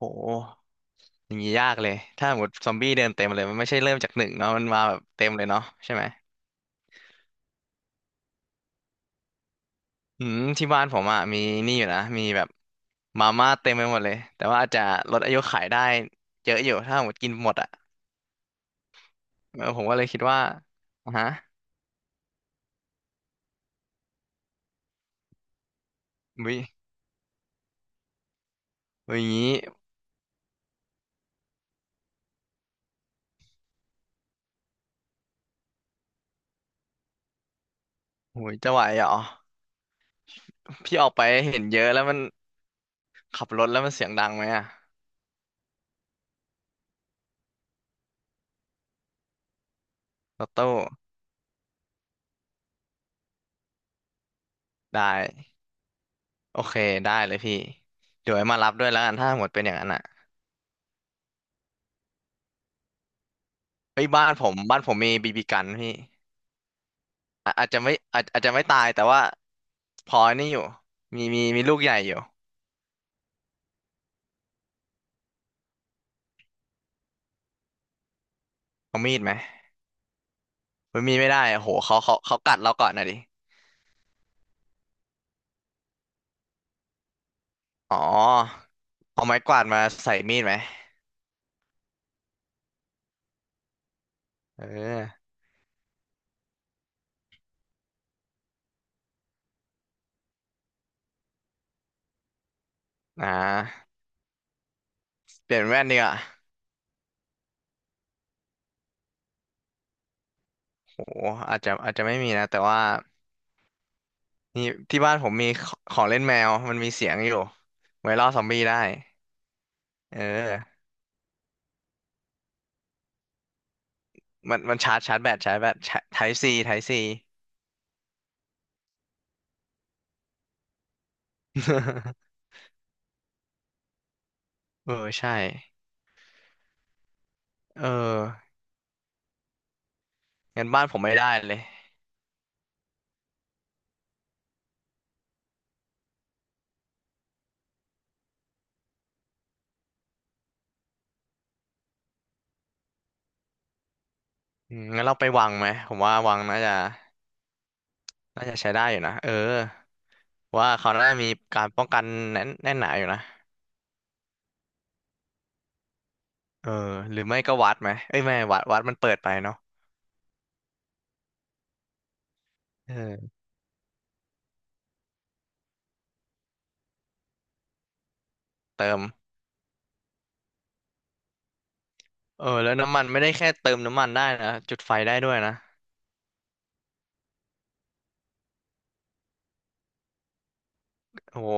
โหอย่างนี้ยากเลยถ้าหมดซอมบี้เดินเต็มเลยมันไม่ใช่เริ่มจากหนึ่งเนาะมันมาแบบเต็มเลยเนาะใช่ไหมอืมที่บ้านผมอ่ะมีนี่อยู่นะมีแบบมาม่าเต็มไปหมดเลยแต่ว่าอาจจะลดอายุขายได้เยอะอยู่ถ้าหมดกินหมดอ่ะเออผมก็เลยคิดว่าอ่ะฮะวิวิอย่างนี้โหยจะไหวเหรอพี่ออกไปเห็นเยอะแล้วมันขับรถแล้วมันเสียงดังไหมอ่ะรถตู้ได้โอเคได้เลยพี่เดี๋ยวให้มารับด้วยแล้วกันถ้าหมดเป็นอย่างนั้นอ่ะเฮ้ยบ้านผมมีบีบีกันพี่ อะอาจจะไม่อาจอาจจะไม่ตายแต่ว่าพอนี่อยู่มีลูกใหญ่อยู่เอามีดไหมมันมีไม่ได้โอ้โหเขากัดเราก่อนนะดิอ๋อเอาไม้กวาดมาใส่มีดไหมเอออ่าเปลี่ยนแว่นดีกว่าโอ้โหอาจจะไม่มีนะแต่ว่านี่ที่บ้านผมมีของเล่นแมวมันมีเสียงอยู่ไว้ล่อซอมบี้ได้เออมันชาร์จชาร์จแบตชาร์จแบตไทป์ซี เออใช่เอองั้นบ้านผมไม่ได้เลย อืมงั้นเราไปวังไหมผมว่าวังน่าจะใช้ได้อยู่นะเออว่าเขาน่าจะมีการป้องกันแน่นหนาอยู่นะเออหรือไม่ก็วัดไหมเอ้ยไม่วัดมันเปิดไปเนาะเออเติมเออแล้วน้ำมันไม่ได้แค่เติมน้ำมันได้นะจุดไฟได้ด้วยนะโอ้โห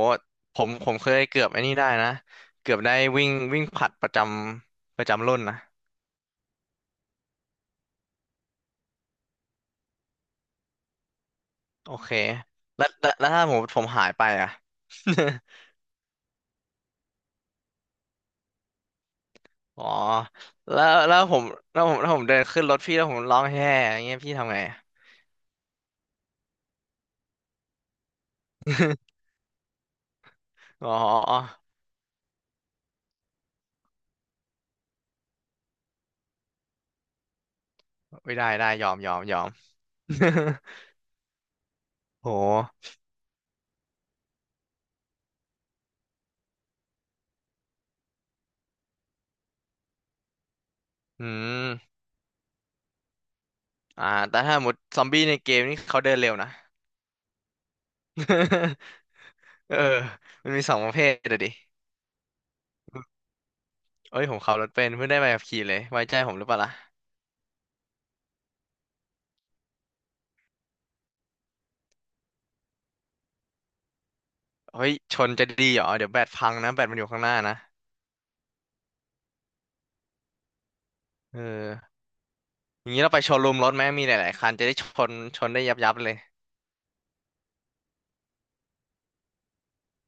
ผมเคยเกือบไอ้นี่ได้นะเกือบได้วิ่งวิ่งผลัดประจำรุ่นนะโอเคแล้วถ้าผมหายไปอ่ะ อ๋อแล้วแล้วผมแล้วผมแล้วผมเดินขึ้นรถพี่แล้วผมร้องแฮ่อย่างเงี้ยพี่ทำไง อ๋อไม่ได้ได้ยอม โหอืมอ่าแต่ถ้าหมดซอมบี้ในเกมนี่เขาเดินเร็วนะ เออมันมีสองประเภทเลยดิเอ้ยผมขับรถเป็นเพิ่งได้ใบขับขี่เลยไว้ใจผมหรือเปล่าล่ะเฮ้ยชนจะดีเหรอเดี๋ยวแบตพังนะแบตมันอยู่ข้างหน้านะเอออย่างนี้เราไปโชว์รูมรถไหมมีหลายๆคันจะได้ชนชนได้ยับเลย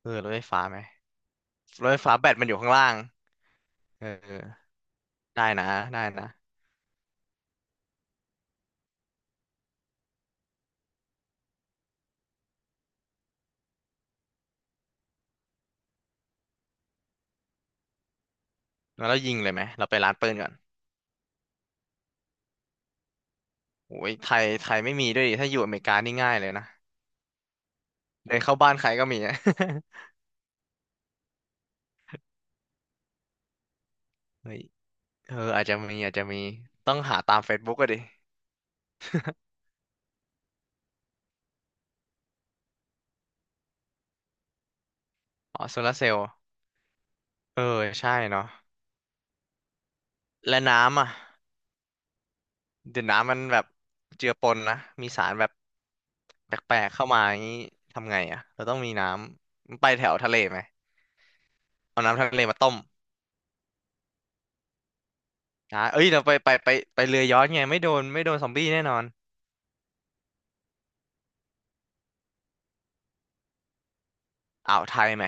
เออรถไฟฟ้าไหมรถไฟฟ้าแบตมันอยู่ข้างล่างเออได้นะได้นะแล้วเรายิงเลยไหมเราไปร้านปืนก่อน โอ้ยไทยไม่มีด้วยดิถ้าอยู่อเมริกานี่ง่ายเลยนะเดินเข้าบ้านใครก็มีอะ เฮ้ยเอออาจจะมีต้องหาตาม Facebook ก็ดิอ๋อโซลาร์เซลล์เออใช่เนาะและน้ำอ่ะเดี๋ยวน้ำมันแบบเจือปนนะมีสารแบบแปลกๆเข้ามาอย่างนี้ทำไงอ่ะเราต้องมีน้ำไปแถวทะเลไหมเอาน้ำทะเลมาต้มอ่าเอ้ยเราไปเรือย้อนไงไม่โดนซอมบี้แน่นอนอ่าวไทยไหม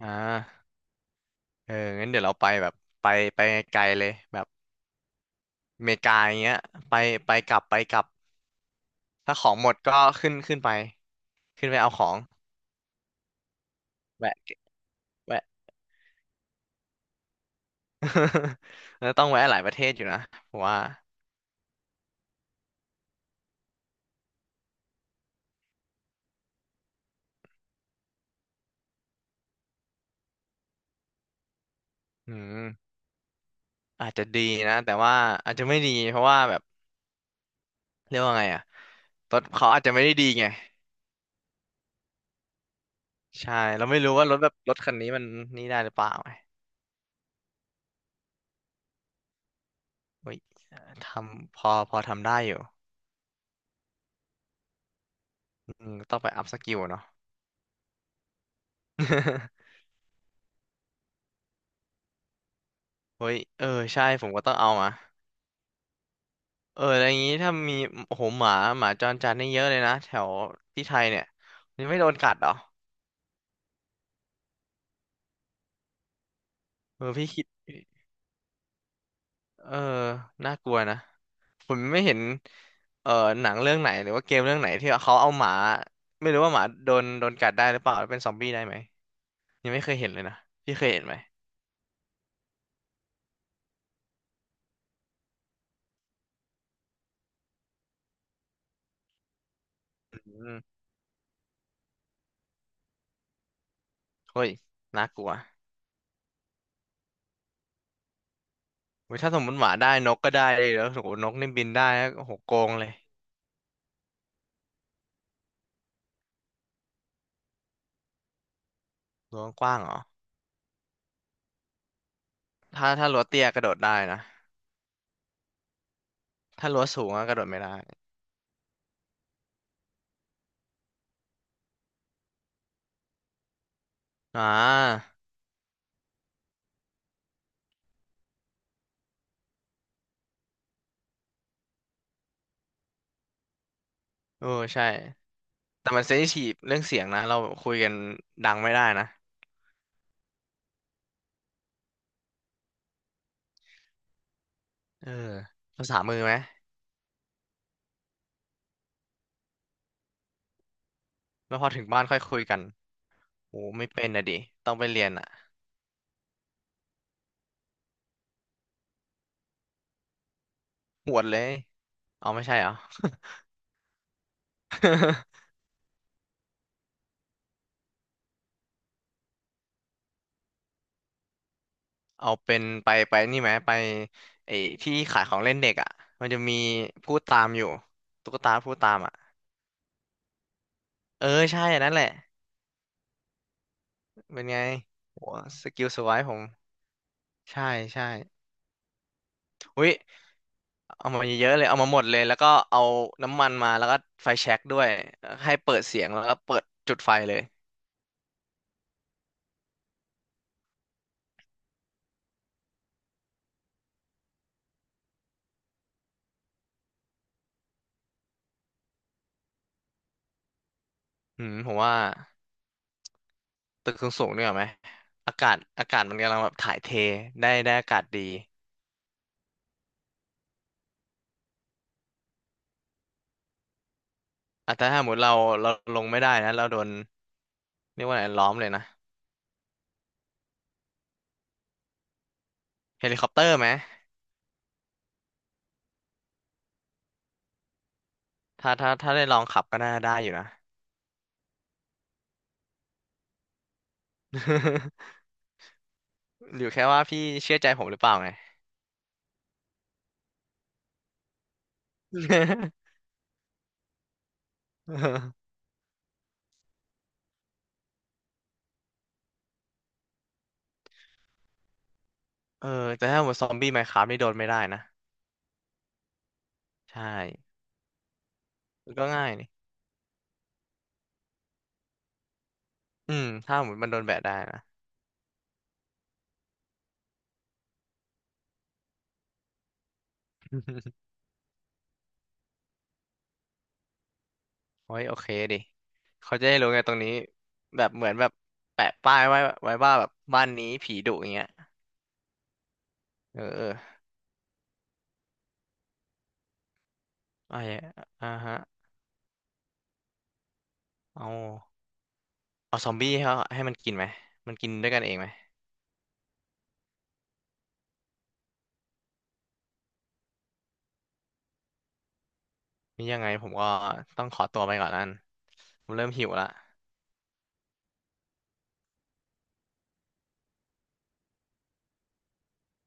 อ่าเอองั้นเดี๋ยวเราไปแบบไปไปไกลเลยแบบ อเมริกาอย่างเงี้ยไปไปกลับไปกลับถ้าของหมดก็ขึ้นไปขึ้นไปเอาของแวะแวะ แล้วต้องแวะหลายประเทศอยู่นะผมว่าอืมอาจจะดีนะแต่ว่าอาจจะไม่ดีเพราะว่าแบบเรียกว่าไงอะรถเขาอาจจะไม่ได้ดีไงใช่เราไม่รู้ว่ารถแบบรถคันนี้มันนี่ได้หรือเปล่าไงเฮ้ยทำพอทำได้อยู่อืมต้องไปอัพสกิลเนาะ เฮ้ยเออใช่ผมก็ต้องเอามา เอออะไรอย่างงี้ถ้ามีโอ้โหหมาจรจัดนี่เยอะเลยนะแถวที่ไทยเนี่ยมันไม่โดนกัดเหรอเออพี่คิดเออน่ากลัวนะผมไม่เห็นเออหนังเรื่องไหนหรือว่าเกมเรื่องไหนที่เขาเอาหมาไม่รู้ว่าหมาโดนกัดได้หรือเปล่าหรือเป็นซอมบี้ได้ไหมยังไม่เคยเห็นเลยนะพี่เคยเห็นไหมอืมเฮ้ยน่ากลัวเว้ยถ้าสมมติหมาได้นกก็ได้เลยแล้วโหนกนี่บินได้นะโอ้โหโกงเลยรั้วกว้างเหรอถ้ารั้วเตี้ยกระโดดได้นะถ้ารั้วสูงอะกระโดดไม่ได้อ่า เออใช่ แต่มันเซนซิทีฟเรื่องเสียงนะเราคุยกันดังไม่ได้นะเออภาษามือไหมแล้วพอถึงบ้านค่อยคุยกัน โอ้ไม่เป็นนะดิต้องไปเรียนอ่ะหวดเลยเอาไม่ใช่เหรอ เอาเป็นไปนี่ไหมไปไอ้ที่ขายของเล่นเด็กอ่ะ มันจะมีพูดตามอยู่ตุ๊กตาพูดตามอ่ะ เออใช่อันนั้นแหละเป็นไงโหสกิลสไวผมใช่ใช่อุ้ย เอามาเยอะๆเลยเอามาหมดเลยแล้วก็เอาน้ำมันมาแล้วก็ไฟแช็กด้วยให้เปิดเสียงแล้วก็เปิดจุดไฟเลยอืมผมว่าตึกสูงๆเนี่ยไหมอากาศมันกำลังแบบถ่ายเทได้อากาศดีอ่ะแต่ถ้าสมมติเราลงไม่ได้นะเราโดนเรียกว่าอะไรล้อมเลยนะเฮลิคอปเตอร์ไหมถ้าได้ลองขับก็น่าได้อยู่นะ อยู่แค่ว่าพี่เชื่อใจผมหรือเปล่าไง เออแต่ถ้าหมดซอมบี้ไมน์คราฟนี่โดนไม่ได้นะใช่มันก็ง่ายนี่ อืมถ้าหมดมันโดนแบะได้นะ โอ้ยโอเคดิเขาจะได้รู้ไงตรงนี้แบบเหมือนแบบแปะป้ายไว้ไว้ว่าแบบบ้านนี้ผีดุอย่างเงี้ยเออเออไอ้อ่าฮะเอาเอาซอมบี้ให้เขาให้มันกินไหมมันกินด้วยกันเองไหมนี่ยังไงผมก็ต้องขอตัวไปก่อนนั่นผมเริ่มหิวละ